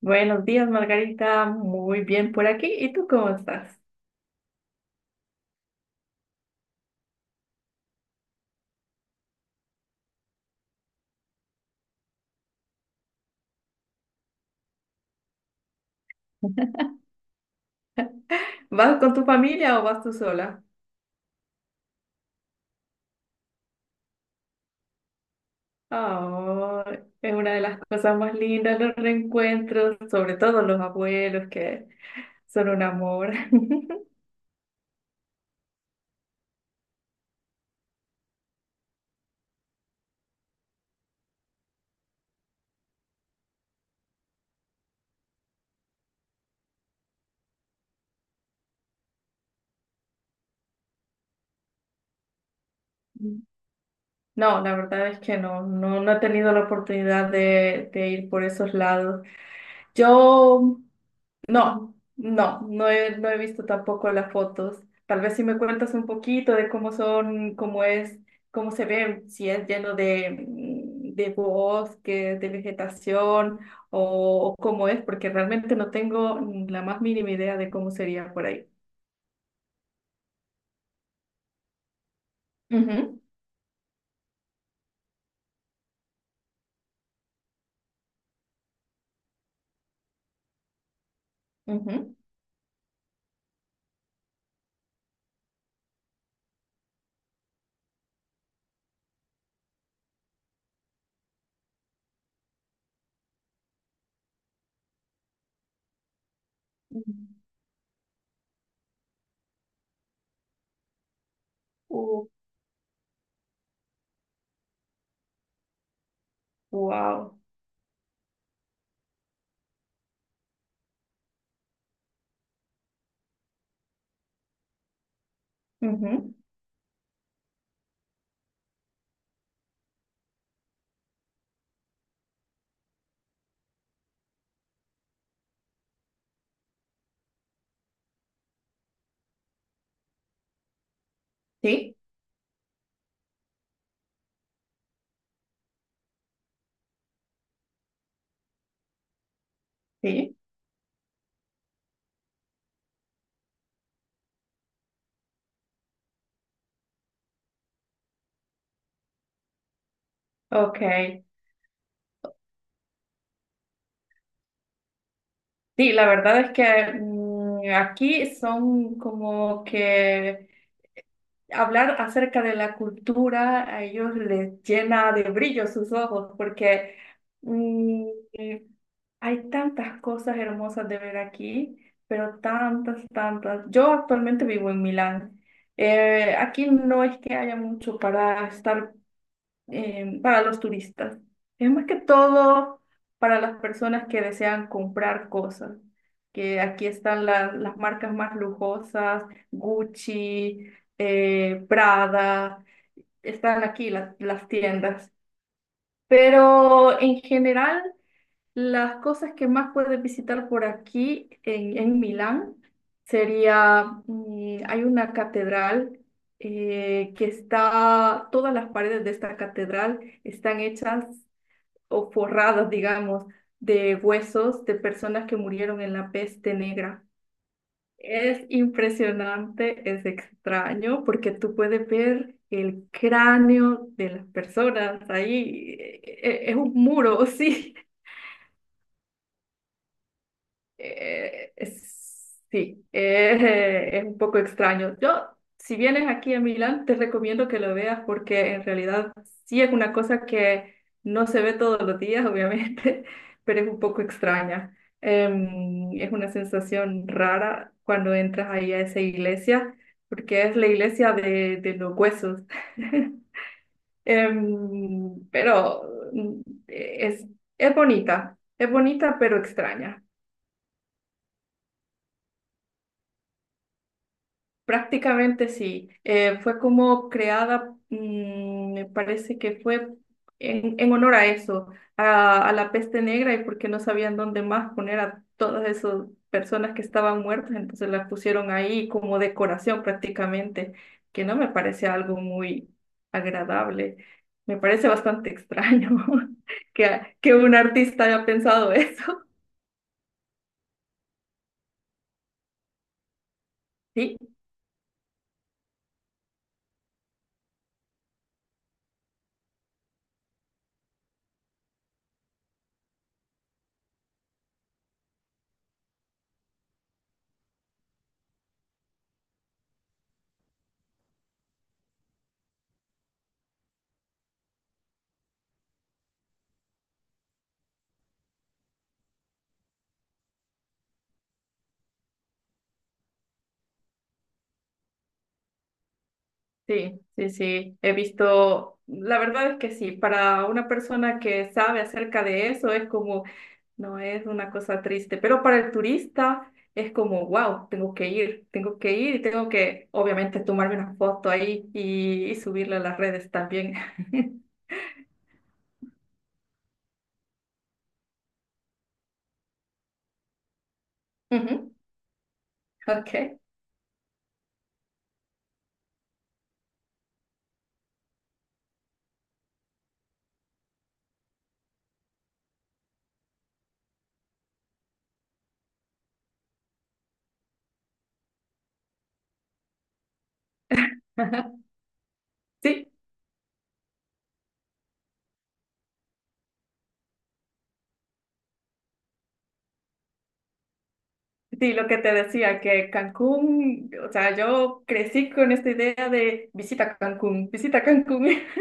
Buenos días, Margarita. Muy bien por aquí. ¿Y tú cómo estás? ¿Vas con tu familia o vas tú sola? Oh, es una de las cosas más lindas, los reencuentros, sobre todo los abuelos que son un amor. No, la verdad es que no, no he tenido la oportunidad de ir por esos lados. Yo no, no no he visto tampoco las fotos. Tal vez si me cuentas un poquito de cómo son, cómo es, cómo se ve, si es lleno de bosques, de vegetación o cómo es, porque realmente no tengo la más mínima idea de cómo sería por ahí. Ujú, ujú. Mm. Uh, wow. Ujú. Sí, sí. Ok. Sí, la verdad es que aquí son como que hablar acerca de la cultura a ellos les llena de brillo sus ojos porque mm, hay tantas cosas hermosas de ver aquí, pero tantas, tantas. Yo actualmente vivo en Milán. Aquí no es que haya mucho para estar para los turistas. Es más que todo para las personas que desean comprar cosas, que aquí están las marcas más lujosas, Gucci, Prada, están aquí las tiendas. Pero en general las cosas que más puedes visitar por aquí en Milán sería, mm, hay una catedral que está, todas las paredes de esta catedral están hechas o forradas, digamos, de huesos de personas que murieron en la peste negra. Es impresionante, es extraño, porque tú puedes ver el cráneo de las personas ahí. Es un muro, sí. Es- sí, es un poco extraño. Yo, si vienes aquí a Milán, te recomiendo que lo veas porque en realidad sí es una cosa que no se ve todos los días, obviamente, pero es un poco extraña. Es una sensación rara cuando entras ahí a esa iglesia, porque es la iglesia de los huesos. Pero mm, es, es bonita pero extraña. Prácticamente sí. Fue como creada, mm, me parece que fue en honor a eso, a la peste negra y porque no sabían dónde más poner a todas esas personas que estaban muertas, entonces las pusieron ahí como decoración prácticamente, que no me parece algo muy agradable. Me parece bastante extraño que un artista haya pensado eso. Sí, sí, he visto, la verdad es que sí, para una persona que sabe acerca de eso es como, no es una cosa triste, pero para el turista es como, wow, tengo que ir y tengo que, obviamente, tomarme una foto ahí y subirla a las redes también. Ujú, ok. Sí, sí, lo que te decía, que Cancún, o sea, yo crecí con esta idea de visita Cancún, visita Cancún.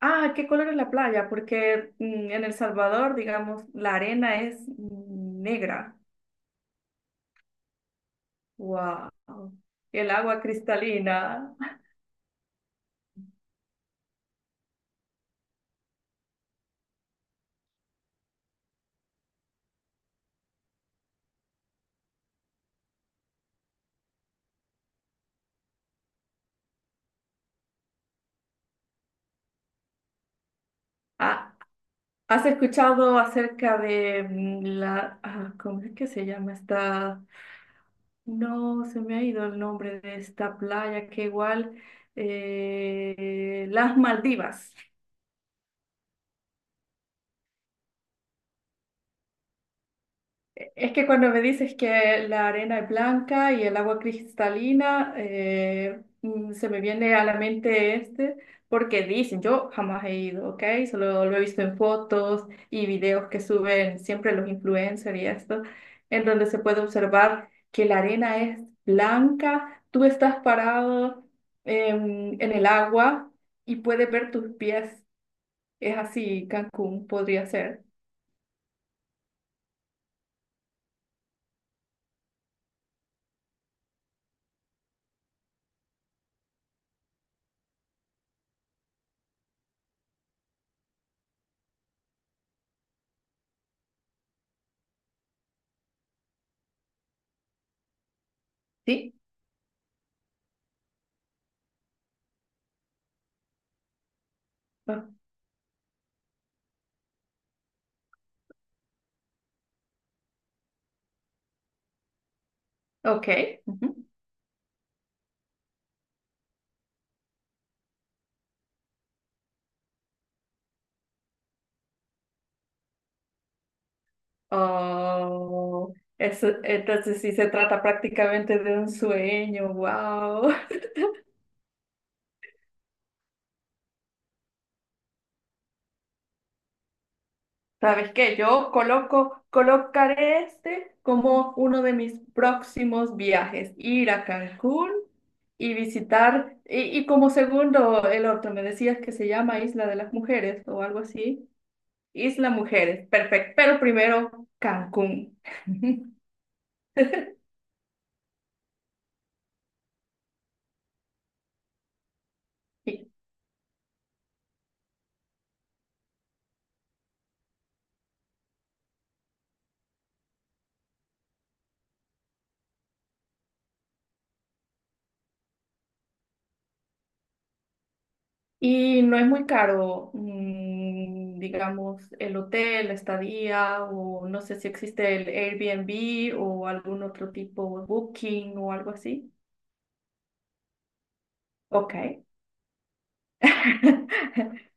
Ah, ¿qué color es la playa? Porque en El Salvador, digamos, la arena es negra. Wow. El agua cristalina. Ah, ¿has escuchado acerca de la... ah, ¿cómo es que se llama esta? No, se me ha ido el nombre de esta playa, que igual... las Maldivas. Es que cuando me dices que la arena es blanca y el agua cristalina, se me viene a la mente este, porque dicen, yo jamás he ido, ¿ok? Solo lo he visto en fotos y videos que suben siempre los influencers y esto, en donde se puede observar que la arena es blanca, tú estás parado en el agua y puedes ver tus pies. Es así, Cancún podría ser, ¿sí? Ah, ok. Oh, eso- entonces sí se trata prácticamente de un sueño, wow. ¿Sabes qué? Yo coloco, colocaré este como uno de mis próximos viajes, ir a Cancún y visitar, y como segundo, el otro, me decías que se llama Isla de las Mujeres o algo así. Isla Mujeres, perfecto, pero primero Cancún. Y y no es muy caro, mm, digamos, el hotel, la estadía, o no sé si existe el Airbnb o algún otro tipo, Booking o algo así. Ok.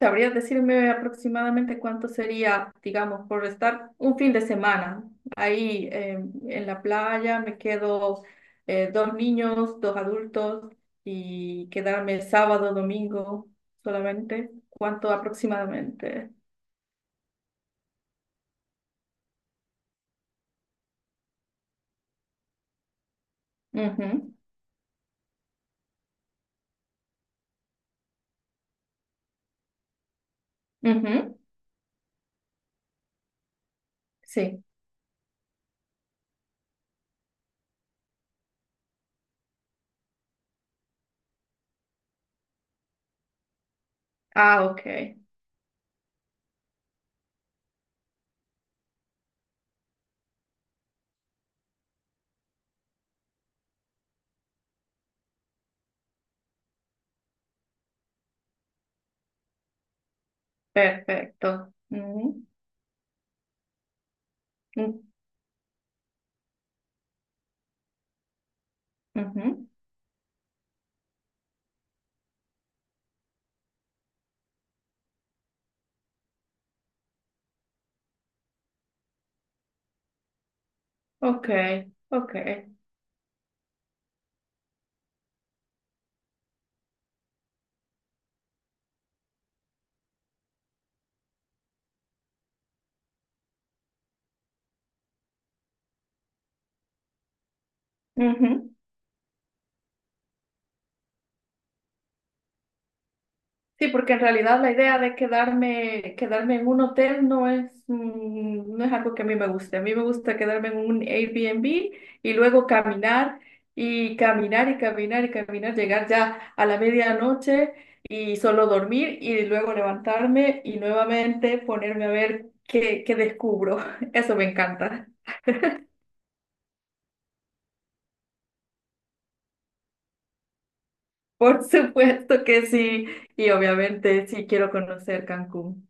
¿Sabrías decirme aproximadamente cuánto sería, digamos, por estar un fin de semana ahí en la playa? Me quedo dos niños, dos adultos y quedarme sábado, domingo solamente. ¿Cuánto aproximadamente? Ujú, ujú, sí. Ah, ok. Perfecto. Ujú, ujú, ujú, ok, ok. Ujú. Sí, porque en realidad la idea de quedarme, quedarme en un hotel no es, mm, no es algo que a mí me guste. A mí me gusta quedarme en un Airbnb y luego caminar y caminar, llegar ya a la medianoche y solo dormir y luego levantarme y nuevamente ponerme a ver qué, qué descubro. Eso me encanta. Por supuesto que sí. Y obviamente sí quiero conocer Cancún.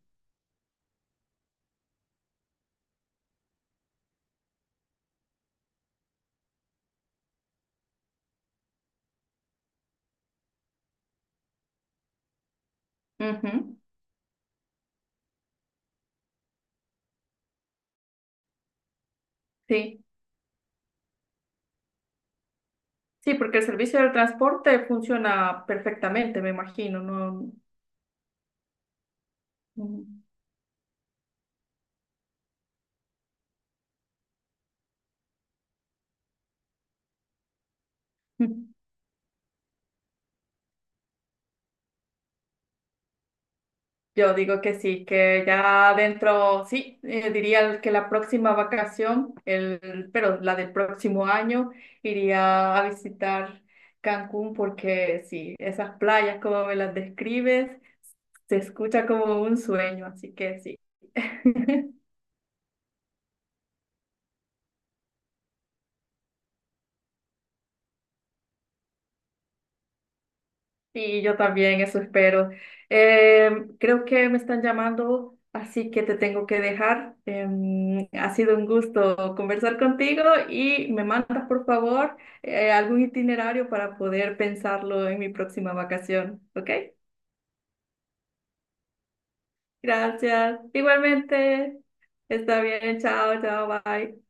Ujú, sí. Sí, porque el servicio del transporte funciona perfectamente, me imagino, ¿no? Mm. Yo digo que sí, que ya dentro, sí, diría que la próxima vacación, el, pero la del próximo año, iría a visitar Cancún porque sí, esas playas como me las describes, se escucha como un sueño, así que sí. Sí, yo también, eso espero. Creo que me están llamando, así que te tengo que dejar. Ha sido un gusto conversar contigo y me mandas, por favor, algún itinerario para poder pensarlo en mi próxima vacación, ¿ok? Gracias. Igualmente, está bien, chao, chao, bye.